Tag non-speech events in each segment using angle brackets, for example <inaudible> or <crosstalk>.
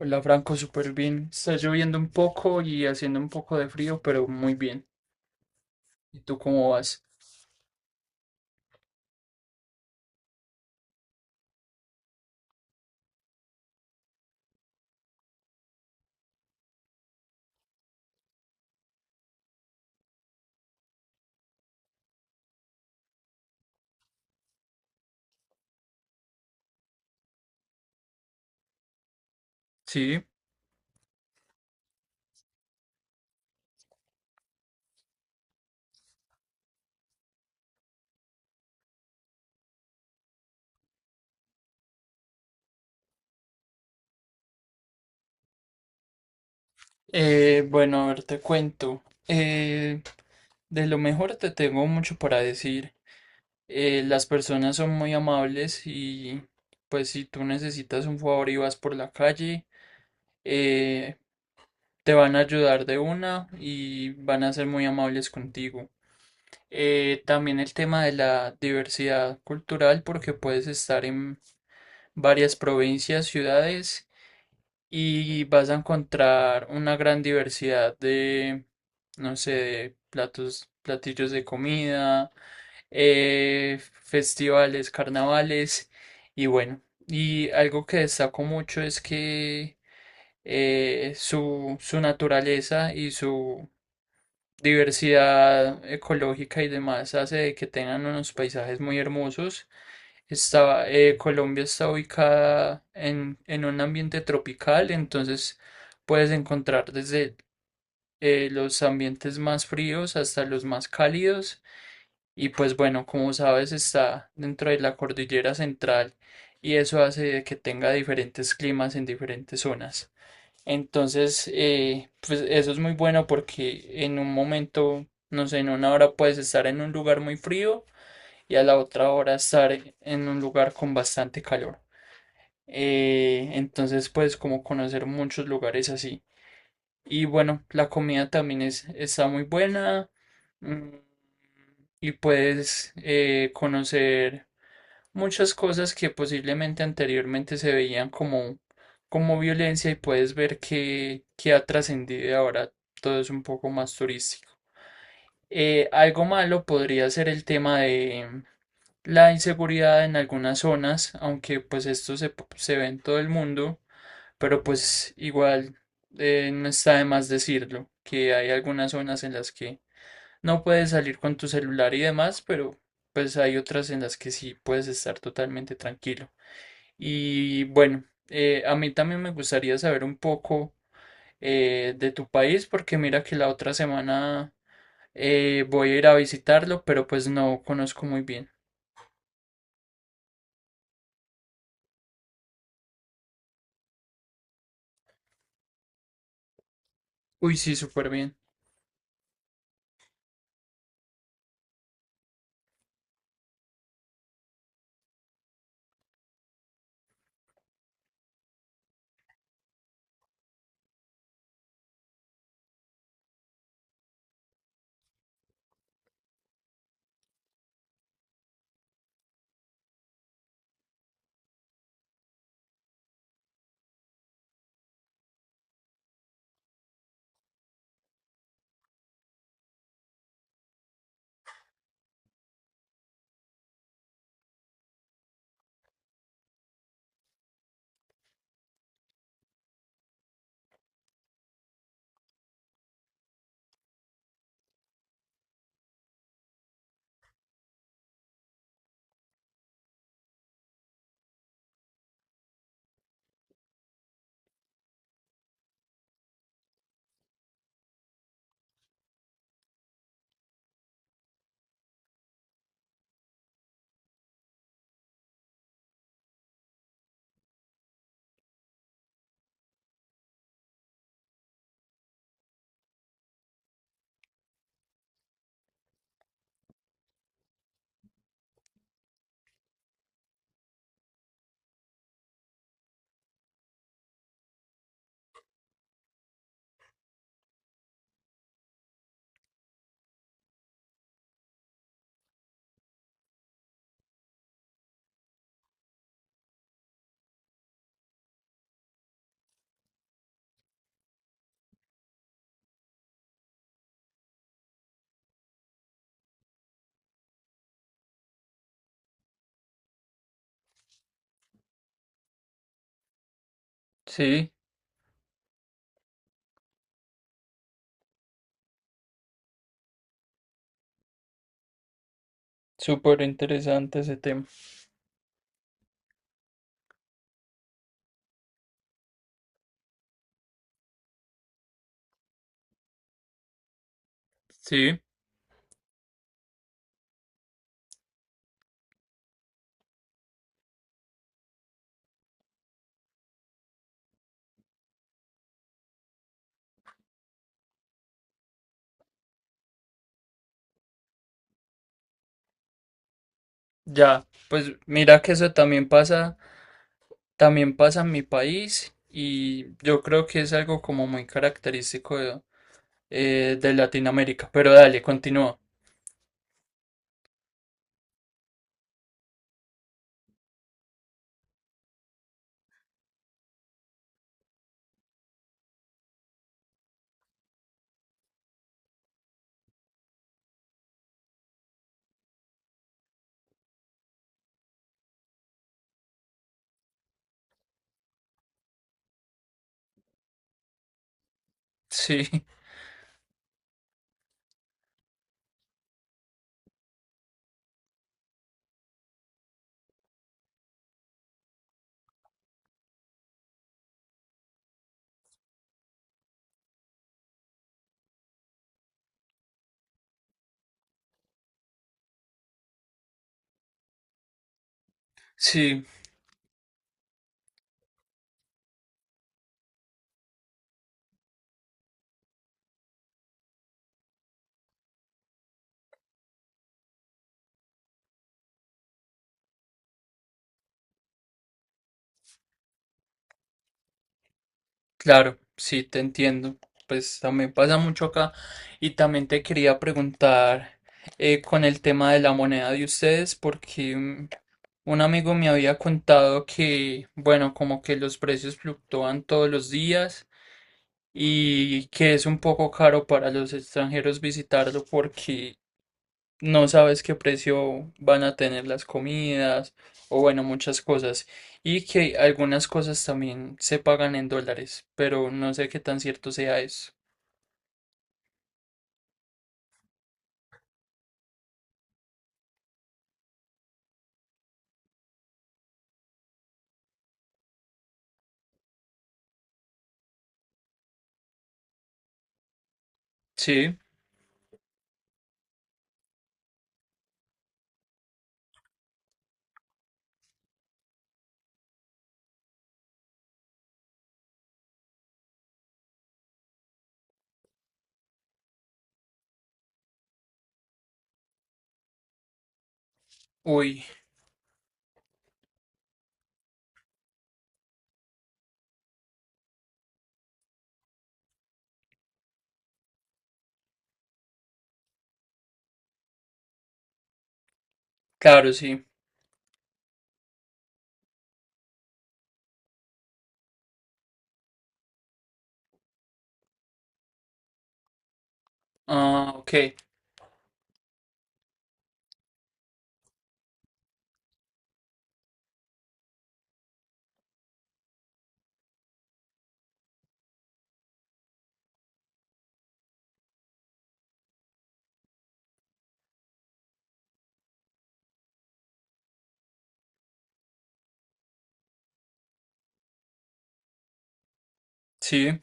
Hola Franco, súper bien. Está lloviendo un poco y haciendo un poco de frío, pero muy bien. ¿Y tú cómo vas? Sí. Bueno, a ver, te cuento. Eh, de lo mejor te tengo mucho para decir. Las personas son muy amables y pues si tú necesitas un favor y vas por la calle, eh, te van a ayudar de una y van a ser muy amables contigo. También el tema de la diversidad cultural porque puedes estar en varias provincias, ciudades y vas a encontrar una gran diversidad de, no sé, de platos, platillos de comida, festivales, carnavales. Y bueno, y algo que destaco mucho es que, su naturaleza y su diversidad ecológica y demás hace de que tengan unos paisajes muy hermosos. Colombia está ubicada en un ambiente tropical, entonces puedes encontrar desde los ambientes más fríos hasta los más cálidos. Y pues bueno, como sabes, está dentro de la cordillera central y eso hace de que tenga diferentes climas en diferentes zonas. Entonces, pues eso es muy bueno porque en un momento, no sé, en una hora puedes estar en un lugar muy frío y a la otra hora estar en un lugar con bastante calor. Entonces puedes como conocer muchos lugares así. Y bueno, la comida también es, está muy buena. mm, Y puedes, conocer muchas cosas que posiblemente anteriormente se veían como, como violencia y puedes ver que ha trascendido y ahora todo es un poco más turístico. Algo malo podría ser el tema de la inseguridad en algunas zonas, aunque pues esto se, se ve en todo el mundo. Pero pues igual, no está de más decirlo, que hay algunas zonas en las que no puedes salir con tu celular y demás, pero pues hay otras en las que sí puedes estar totalmente tranquilo. Y bueno, a mí también me gustaría saber un poco de tu país, porque mira que la otra semana voy a ir a visitarlo, pero pues no conozco muy bien. Uy, sí, súper bien. Sí, súper interesante ese tema. Sí. Ya, pues mira que eso también pasa en mi país y yo creo que es algo como muy característico de Latinoamérica. Pero dale, continúa. Sí, <laughs> sí, claro, sí, te entiendo. Pues también pasa mucho acá y también te quería preguntar con el tema de la moneda de ustedes porque un amigo me había contado que, bueno, como que los precios fluctúan todos los días. Y que es un poco caro para los extranjeros visitarlo porque no sabes qué precio van a tener las comidas o bueno, muchas cosas. Y que algunas cosas también se pagan en dólares, pero no sé qué tan cierto sea eso. Sí, uy, claro, sí. Ah, ok, sí.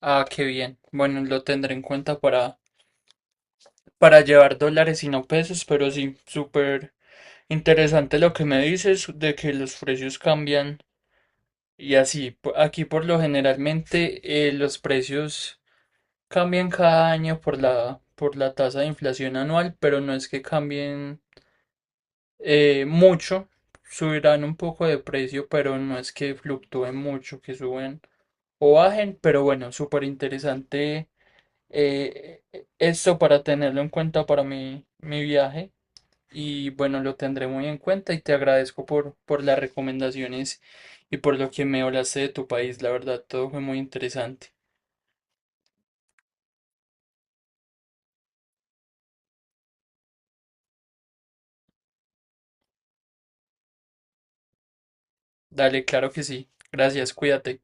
Ah, qué bien. Bueno, lo tendré en cuenta para llevar dólares y no pesos, pero sí, súper interesante lo que me dices de que los precios cambian. Y así, po- aquí por lo generalmente, los precios cambian cada año por la tasa de inflación anual, pero no es que cambien mucho, subirán un poco de precio, pero no es que fluctúen mucho, que suben o bajen, pero bueno, súper interesante, eh, esto para tenerlo en cuenta para mi viaje. Y bueno, lo tendré muy en cuenta y te agradezco por las recomendaciones y por lo que me hablaste de tu país. La verdad, todo fue muy interesante. Dale, claro que sí. Gracias, cuídate.